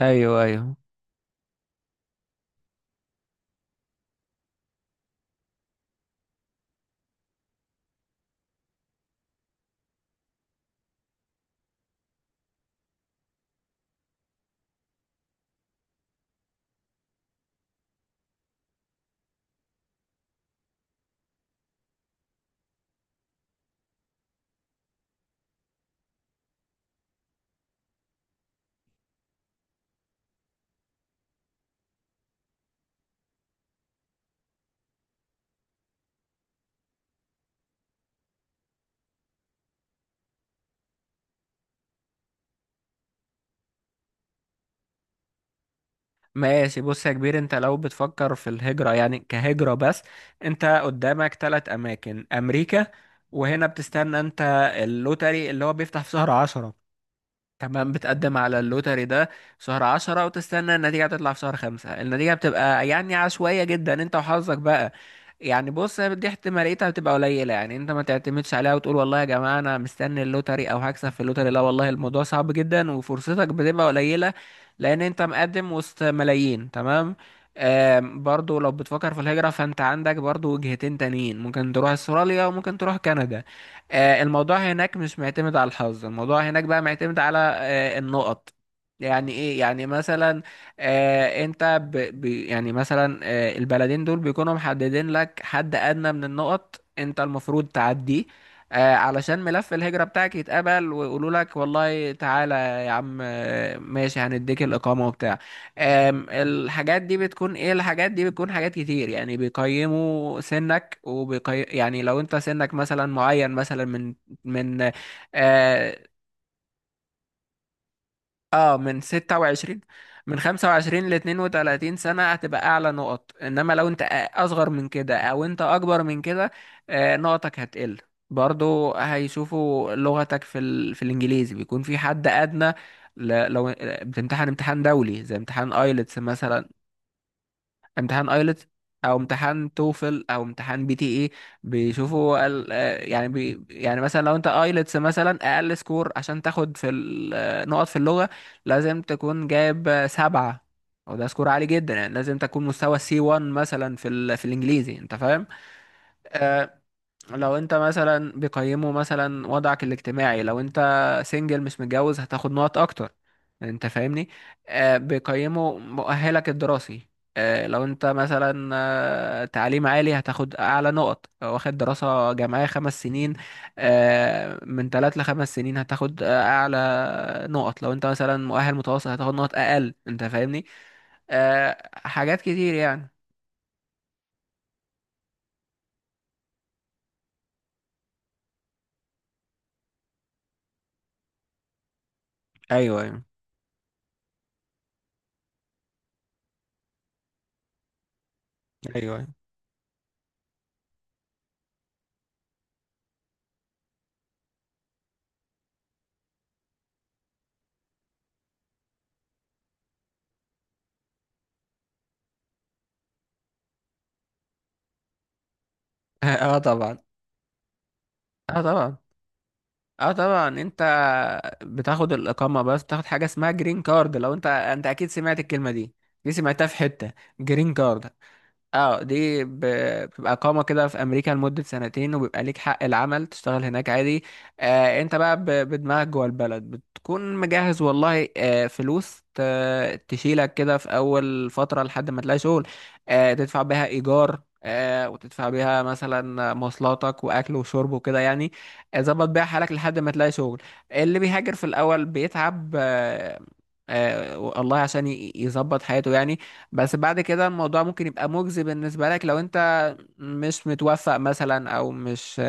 ايوه ايوه، ماشي بص يا كبير، انت لو بتفكر في الهجرة يعني كهجرة بس انت قدامك ثلاث اماكن: امريكا. وهنا بتستنى انت اللوتري اللي هو بيفتح في شهر 10، كمان بتقدم على اللوتري ده في شهر 10 وتستنى النتيجة تطلع في شهر 5. النتيجة بتبقى يعني عشوائية جدا، انت وحظك بقى. يعني بص هي دي احتماليتها بتبقى قليلة، يعني انت ما تعتمدش عليها وتقول والله يا جماعة انا مستني اللوتري او هكسب في اللوتري. لا والله الموضوع صعب جدا وفرصتك بتبقى قليلة لان انت مقدم وسط ملايين. تمام. برضو لو بتفكر في الهجرة فانت عندك برضو وجهتين تانيين، ممكن تروح استراليا وممكن تروح كندا. الموضوع هناك مش معتمد على الحظ، الموضوع هناك بقى معتمد على النقط. يعني ايه؟ يعني مثلا انت ب ب يعني مثلا البلدين دول بيكونوا محددين لك حد ادنى من النقط انت المفروض تعديه علشان ملف الهجرة بتاعك يتقبل ويقولوا لك والله تعالى يا عم ماشي هنديك الإقامة وبتاع. الحاجات دي بتكون ايه؟ الحاجات دي بتكون حاجات كتير، يعني بيقيموا سنك يعني لو انت سنك مثلا معين، مثلا من من اه, من 26، من 25 ل 32 سنة هتبقى أعلى نقط، إنما لو أنت أصغر من كده أو أنت أكبر من كده نقطك هتقل. برضو هيشوفوا لغتك في في الإنجليزي بيكون في حد أدنى. ل... لو بتمتحن امتحان دولي زي امتحان ايلتس مثلا، امتحان ايلتس او امتحان توفل او امتحان بي تي اي، بيشوفوا ال... آه، يعني يعني مثلا لو انت ايلتس مثلا اقل سكور عشان تاخد في ال... آه، نقط في اللغة لازم تكون جايب 7، وده سكور عالي جدا. يعني لازم تكون مستوى سي C1 مثلا في في الانجليزي، انت فاهم؟ آه، لو انت مثلا بيقيموا مثلا وضعك الاجتماعي، لو انت سنجل مش متجوز هتاخد نقط اكتر، انت فاهمني؟ بيقيموا مؤهلك الدراسي، لو انت مثلا تعليم عالي هتاخد اعلى نقط، لو واخد دراسة جامعية 5 سنين، من 3 ل 5 سنين هتاخد اعلى نقط، لو انت مثلا مؤهل متوسط هتاخد نقط اقل، انت فاهمني؟ حاجات كتير يعني. ايوه ايوه ايوه. اه طبعا. اه طبعا. اه طبعا انت بتاخد الاقامه بس تاخد حاجه اسمها جرين كارد، لو انت اكيد سمعت الكلمه دي، دي سمعتها في حته، جرين كارد. اه بتبقى اقامه كده في امريكا لمده سنتين، وبيبقى ليك حق العمل تشتغل هناك عادي. انت بقى بدماغك جوه البلد بتكون مجهز والله فلوس تشيلك كده في اول فتره لحد ما تلاقي شغل، تدفع بيها ايجار وتدفع بيها مثلا مواصلاتك واكل وشرب وكده يعني، ظبط بيها حالك لحد ما تلاقي شغل. اللي بيهاجر في الاول بيتعب الله عشان يظبط حياته يعني. بس بعد كده الموضوع ممكن يبقى مجزي بالنسبة لك، لو انت مش متوفق مثلا او مش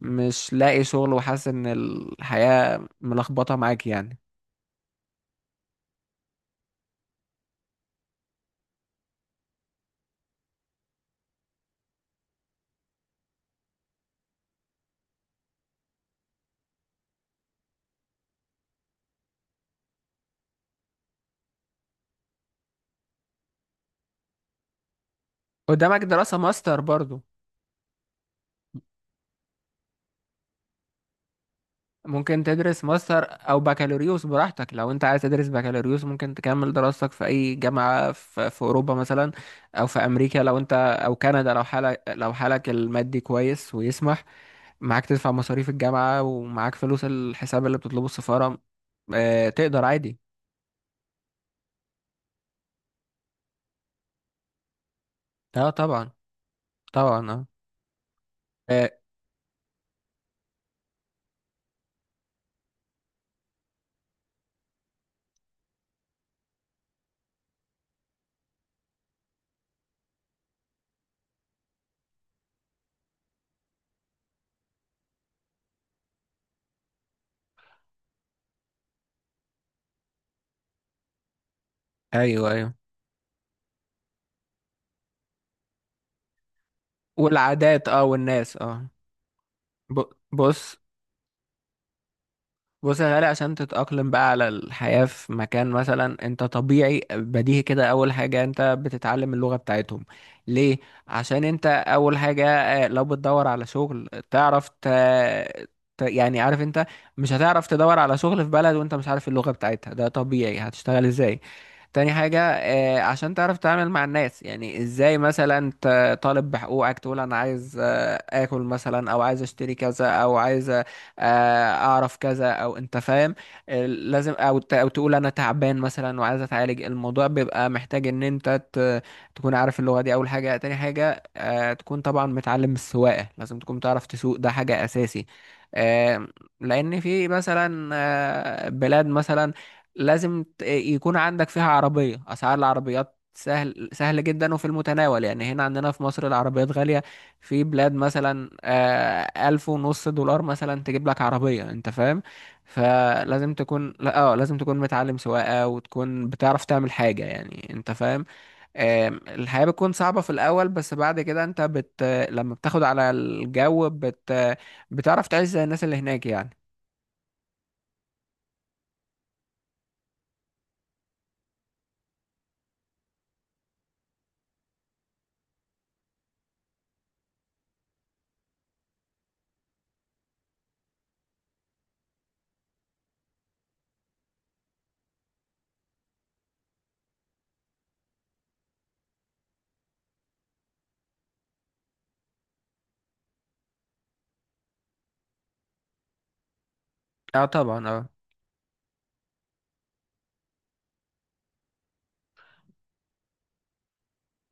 مش لاقي شغل وحاسس ان الحياة ملخبطة معاك يعني. قدامك دراسة ماستر برضو، ممكن تدرس ماستر او بكالوريوس براحتك. لو انت عايز تدرس بكالوريوس ممكن تكمل دراستك في اي جامعة في اوروبا مثلا او في امريكا، لو انت او كندا، لو حالك المادي كويس ويسمح معاك تدفع مصاريف الجامعة ومعاك فلوس الحساب اللي بتطلبه السفارة، تقدر عادي. اه طبعا. طبعا اه, آه ايوه ايوه، والعادات اه والناس اه. بص. بص يا غالي، عشان تتأقلم بقى على الحياة في مكان، مثلا انت طبيعي بديهي كده، اول حاجة انت بتتعلم اللغة بتاعتهم. ليه؟ عشان انت اول حاجة لو بتدور على شغل تعرف يعني عارف انت مش هتعرف تدور على شغل في بلد وانت مش عارف اللغة بتاعتها، ده طبيعي هتشتغل ازاي؟ تاني حاجة عشان تعرف تتعامل مع الناس، يعني ازاي مثلا انت طالب بحقوقك تقول انا عايز اكل مثلا او عايز اشتري كذا او عايز اعرف كذا، او انت فاهم؟ لازم او او تقول انا تعبان مثلا وعايز اتعالج، الموضوع بيبقى محتاج ان انت تكون عارف اللغة دي، اول حاجة. تاني حاجة تكون طبعا متعلم السواقة، لازم تكون تعرف تسوق، ده حاجة اساسي. آه، لان في مثلا بلاد مثلا لازم يكون عندك فيها عربية، اسعار العربيات سهل سهل جدا وفي المتناول، يعني هنا عندنا في مصر العربيات غالية، في بلاد مثلا $1,500 مثلا تجيب لك عربية، أنت فاهم؟ فلازم تكون لا اه لازم تكون متعلم سواقة وتكون بتعرف تعمل حاجة، يعني أنت فاهم؟ الحياة بتكون صعبة في الأول، بس بعد كده أنت لما بتاخد على الجو بتعرف تعيش زي الناس اللي هناك يعني. اه طبعا. اه.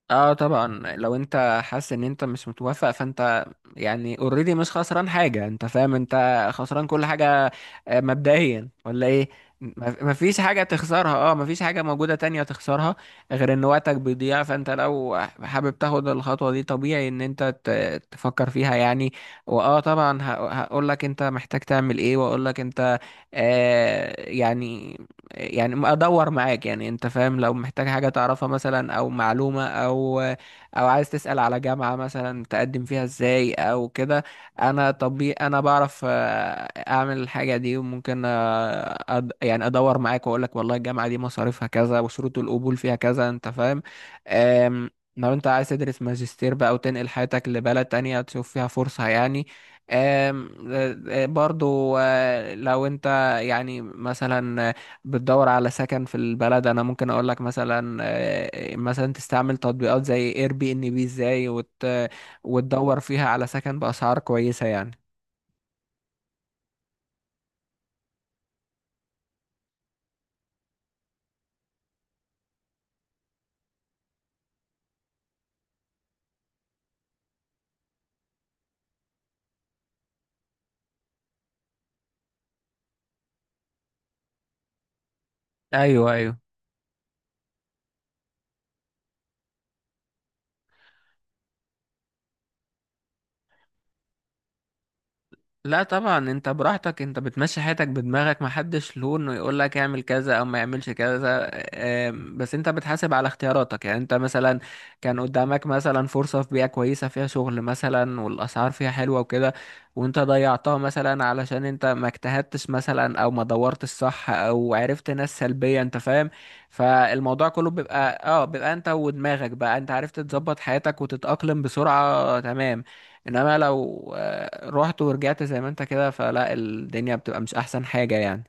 اه طبعا لو انت حاسس ان انت مش متوافق فانت يعني اوريدي مش خسران حاجة، انت فاهم؟ انت خسران كل حاجة مبدئيا، ولا ايه؟ م- مفيش حاجة تخسرها، اه مفيش حاجة موجودة تانية تخسرها غير ان وقتك بيضيع. فانت لو حابب تاخد الخطوة دي، طبيعي ان انت تفكر فيها يعني. واه طبعا هقول لك انت محتاج تعمل ايه، واقول لك انت آه يعني ادور معاك، يعني انت فاهم، لو محتاج حاجة تعرفها مثلا او معلومة او عايز تسأل على جامعة مثلا تقدم فيها ازاي او كده. انا طبيب، انا بعرف اعمل الحاجة دي، وممكن يعني ادور معاك واقول لك والله الجامعة دي مصاريفها كذا وشروط القبول فيها كذا، انت فاهم؟ آم، لو انت عايز تدرس ماجستير بقى وتنقل حياتك لبلد تانية تشوف فيها فرصة يعني. آم، آه، آه، برضو لو انت يعني مثلا بتدور على سكن في البلد، انا ممكن اقول لك مثلا مثلا تستعمل تطبيقات زي اير بي ان بي ازاي، وتدور فيها على سكن باسعار كويسة يعني. ايوه ايوه. لا طبعا انت براحتك، انت بتمشي حياتك بدماغك، محدش له انه يقول لك اعمل كذا او ما يعملش كذا. بس انت بتحاسب على اختياراتك، يعني انت مثلا كان قدامك مثلا فرصة في بيئة كويسة فيها شغل مثلا والاسعار فيها حلوة وكده، وانت ضيعتها مثلا علشان انت ما اجتهدتش مثلا او ما دورتش صح او عرفت ناس سلبية، انت فاهم؟ فالموضوع كله بيبقى اه بيبقى انت ودماغك بقى، انت عرفت تظبط حياتك وتتأقلم بسرعة تمام. انما لو رحت ورجعت زي ما انت كده، فلا الدنيا بتبقى مش احسن حاجة يعني.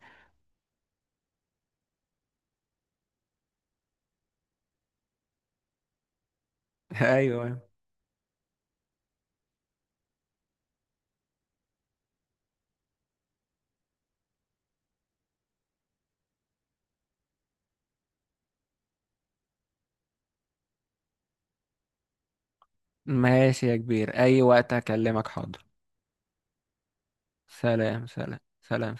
ايوه، ماشي يا كبير، اي وقت اكلمك حاضر. سلام سلام سلام.